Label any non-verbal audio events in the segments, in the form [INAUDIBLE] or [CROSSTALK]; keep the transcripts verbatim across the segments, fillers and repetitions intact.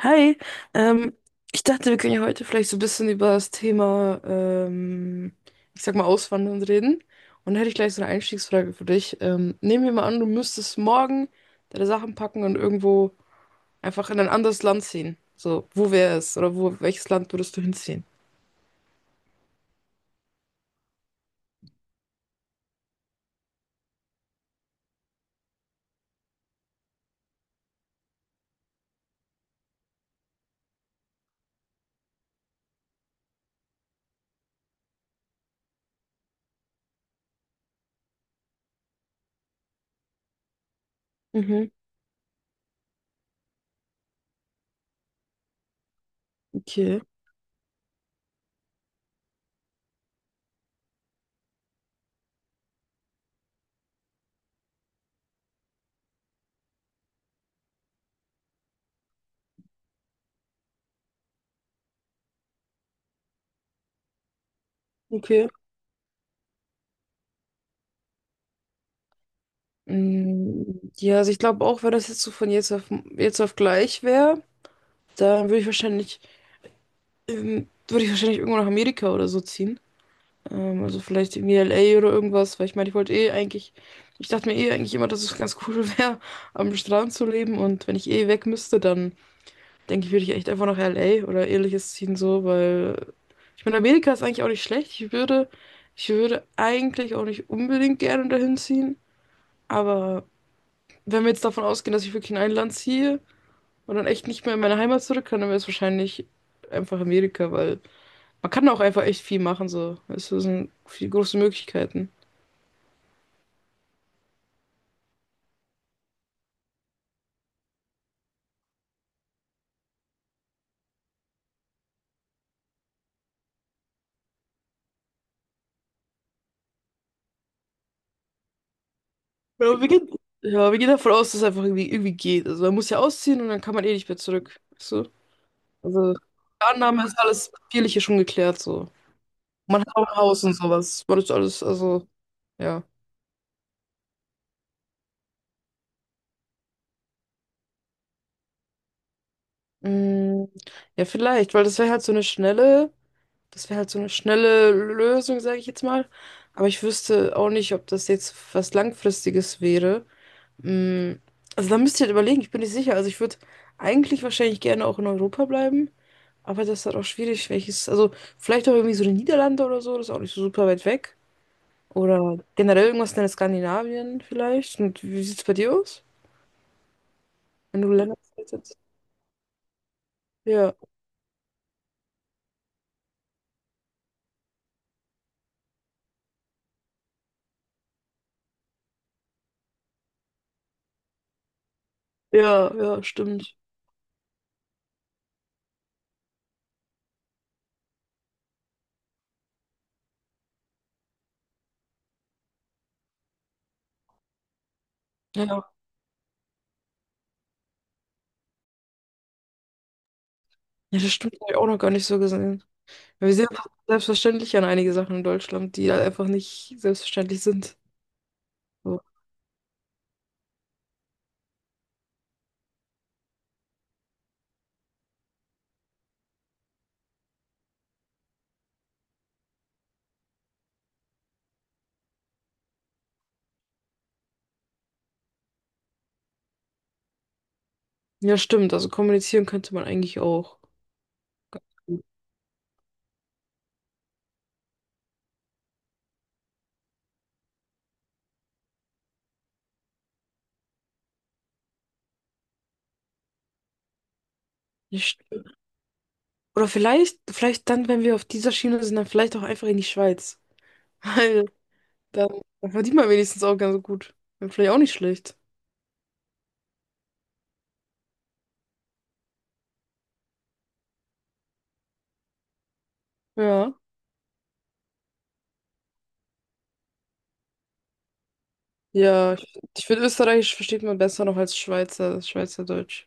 Hi, ähm, ich dachte, wir können ja heute vielleicht so ein bisschen über das Thema, ähm, ich sag mal, Auswandern reden. Und da hätte ich gleich so eine Einstiegsfrage für dich. Ähm, nehmen wir mal an, du müsstest morgen deine Sachen packen und irgendwo einfach in ein anderes Land ziehen. So, wo wäre es? Oder wo, welches Land würdest du hinziehen? Mhm, okay, okay. Mm, ja, also ich glaube auch, wenn das jetzt so von jetzt auf, jetzt auf gleich wäre, dann würde ich wahrscheinlich, ähm, würde ich wahrscheinlich irgendwo nach Amerika oder so ziehen. Ähm, also vielleicht irgendwie L A oder irgendwas, weil ich meine, ich wollte eh eigentlich, ich dachte mir eh eigentlich immer, dass es ganz cool [LAUGHS] wäre, am Strand zu leben, und wenn ich eh weg müsste, dann denke ich, würde ich echt einfach nach L A oder ähnliches ziehen so, weil ich meine, Amerika ist eigentlich auch nicht schlecht. Ich würde, ich würde eigentlich auch nicht unbedingt gerne dahin ziehen, aber wenn wir jetzt davon ausgehen, dass ich wirklich in ein Land ziehe und dann echt nicht mehr in meine Heimat zurück kann, dann wäre es wahrscheinlich einfach Amerika, weil man kann auch einfach echt viel machen so. Es sind viel große Möglichkeiten. Ja, wir gehen, ja, wir gehen davon aus, dass es einfach irgendwie, irgendwie geht. Also man muss ja ausziehen und dann kann man eh nicht mehr zurück. Weißt du? Also die Annahme ist alles Papierliche schon geklärt so. Man hat auch ein Haus und sowas. Man ist alles, also, ja. Mm, ja, vielleicht, weil das wäre halt so eine schnelle, das wäre halt so eine schnelle Lösung, sage ich jetzt mal. Aber ich wüsste auch nicht, ob das jetzt was Langfristiges wäre. Mm, also da müsst ihr halt überlegen, ich bin nicht sicher. Also ich würde eigentlich wahrscheinlich gerne auch in Europa bleiben. Aber das ist halt auch schwierig, welches, also vielleicht auch irgendwie so die Niederlande oder so, das ist auch nicht so super weit weg. Oder generell irgendwas in Skandinavien vielleicht. Und wie sieht's bei dir aus, wenn du Länder sitzt? Ja, ja, ja, stimmt. Ja, ja, das stimmt, habe ich auch noch gar nicht so gesehen. Wir sehen einfach selbstverständlich an einige Sachen in Deutschland, die halt einfach nicht selbstverständlich sind. So. Ja, stimmt, also kommunizieren könnte man eigentlich auch. Nicht- Oder vielleicht, vielleicht dann, wenn wir auf dieser Schiene sind, dann vielleicht auch einfach in die Schweiz. [LAUGHS] Dann, dann verdient man wenigstens auch ganz gut. Wäre vielleicht auch nicht schlecht. Ja. Ja, ich, ich finde, Österreichisch versteht man besser noch als Schweizer, Schweizerdeutsch.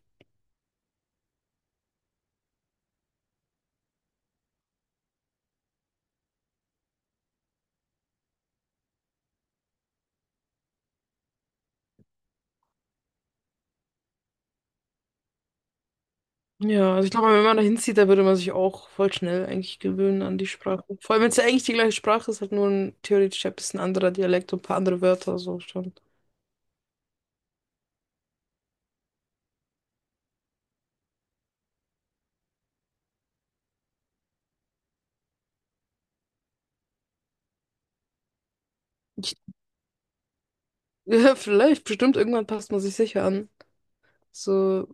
Ja, also ich glaube, wenn man da hinzieht, da würde man sich auch voll schnell eigentlich gewöhnen an die Sprache. Vor allem, wenn es ja eigentlich die gleiche Sprache ist, halt nur ein theoretisch ein bisschen anderer Dialekt und ein paar andere Wörter, so schon. Ich, [LAUGHS] ja, vielleicht, bestimmt, irgendwann passt man sich sicher an. So,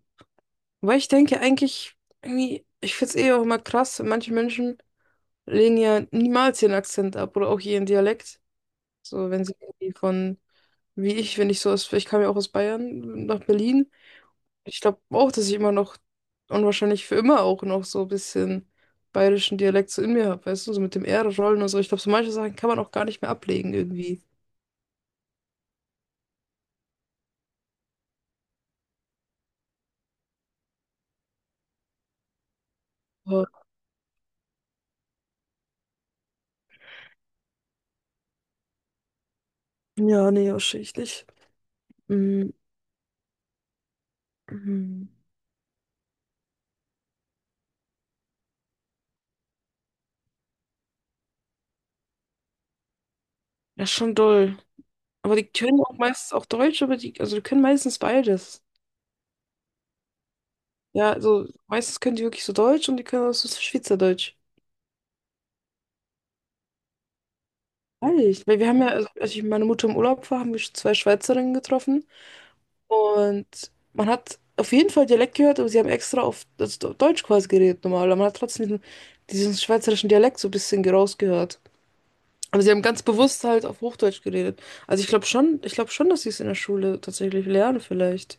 weil ich denke eigentlich, irgendwie, ich finde es eh auch immer krass, manche Menschen lehnen ja niemals ihren Akzent ab oder auch ihren Dialekt. So, wenn sie irgendwie von, wie ich, wenn ich so aus, ich kam ja auch aus Bayern nach Berlin. Ich glaube auch, dass ich immer noch und wahrscheinlich für immer auch noch so ein bisschen bayerischen Dialekt so in mir habe, weißt du, so mit dem R rollen und so. Ich glaube, so manche Sachen kann man auch gar nicht mehr ablegen irgendwie. Aber, ja, nee, wahrscheinlich nicht. Mm, mm. Ja, schon doll. Aber die können auch meistens auch Deutsch, aber die, also die können meistens beides. Ja, also meistens können die wirklich so Deutsch und die können auch so Schweizerdeutsch. Ehrlich, weil wir haben ja, also als ich mit meiner Mutter im Urlaub war, haben wir zwei Schweizerinnen getroffen und man hat auf jeden Fall Dialekt gehört, aber sie haben extra auf also Deutsch quasi geredet normal, aber man hat trotzdem diesen, diesen schweizerischen Dialekt so ein bisschen rausgehört. Aber sie haben ganz bewusst halt auf Hochdeutsch geredet. Also ich glaube schon, ich glaube schon, dass sie es in der Schule tatsächlich lernen vielleicht.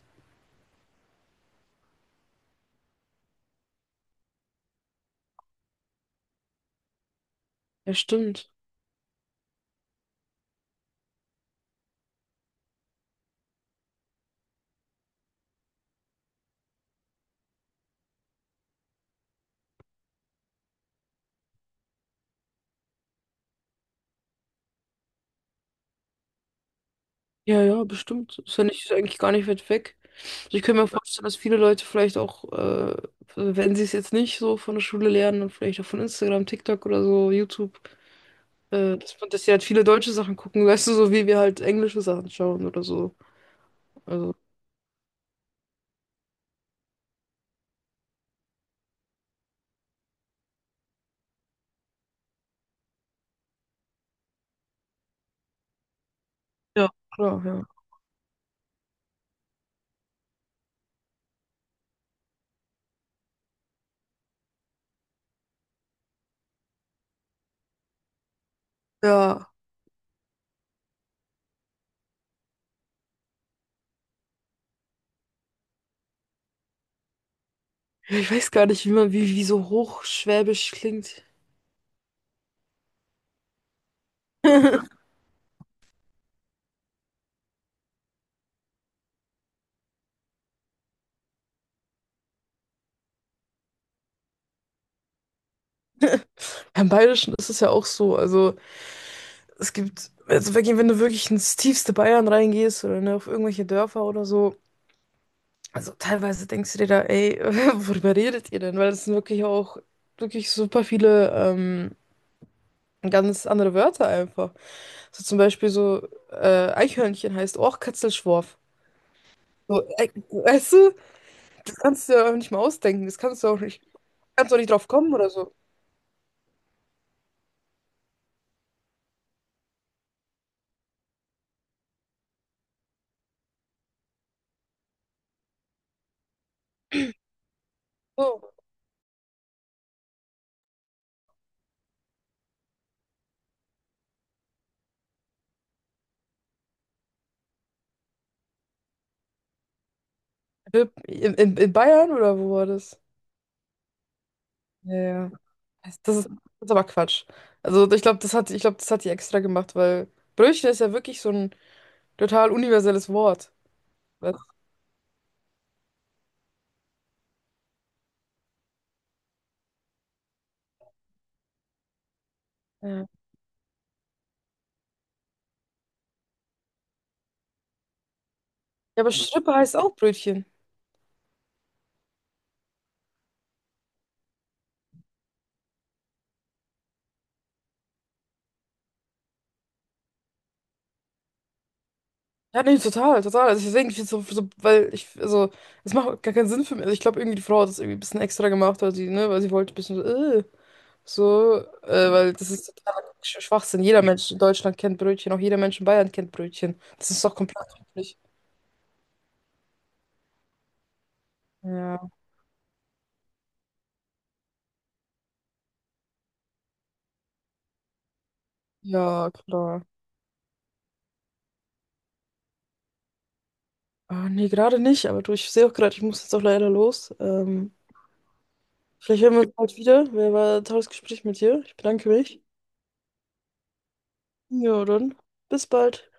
Ja, stimmt. Ja, ja, bestimmt. Ist ja nicht, ist ja eigentlich gar nicht weit weg. Also ich könnte mir vorstellen, dass viele Leute vielleicht auch, äh, wenn sie es jetzt nicht so von der Schule lernen, dann vielleicht auch von Instagram, TikTok oder so, YouTube, äh, dass, man- dass sie halt viele deutsche Sachen gucken, weißt du, so wie wir halt englische Sachen schauen oder so. Also, ja, klar, ja. Ja, ich weiß gar nicht, wie man, wie, wie so hochschwäbisch klingt. [LAUGHS] Im Bayerischen ist es ja auch so. Also es gibt, also wirklich, wenn du wirklich ins tiefste Bayern reingehst oder ne, auf irgendwelche Dörfer oder so, also teilweise denkst du dir da, ey, [LAUGHS] worüber redet ihr denn? Weil es sind wirklich auch wirklich super viele ähm, ganz andere Wörter einfach. So zum Beispiel so äh, Eichhörnchen heißt auch Katzelschworf. So, ey, weißt du, das kannst du dir auch nicht mal ausdenken. Das kannst du auch nicht, kannst du auch nicht drauf kommen oder so. So. In, in, in Bayern oder wo war das? Ja, ja. Das das ist, das ist aber Quatsch. Also ich glaube, das hat, ich glaube, das hat die extra gemacht, weil Brötchen ist ja wirklich so ein total universelles Wort. Was? Ja, aber Schrippe heißt auch Brötchen. Ja, nee, total, total. Also deswegen, ich find's so, so, weil ich, also, es macht gar keinen Sinn für mich. Also ich glaube, irgendwie die Frau hat das irgendwie ein bisschen extra gemacht, weil sie, ne, weil sie wollte ein bisschen so, äh, so, äh, weil das ist totaler Sch- Schwachsinn. Jeder Mensch in Deutschland kennt Brötchen, auch jeder Mensch in Bayern kennt Brötchen. Das ist doch komplett üblich. Ja, ja, klar. Ah, nee, gerade nicht, aber du, ich sehe auch gerade, ich muss jetzt auch leider los. Ähm, vielleicht hören wir uns bald wieder. Wer war ein tolles Gespräch mit dir? Ich bedanke mich. Ja, dann, bis bald.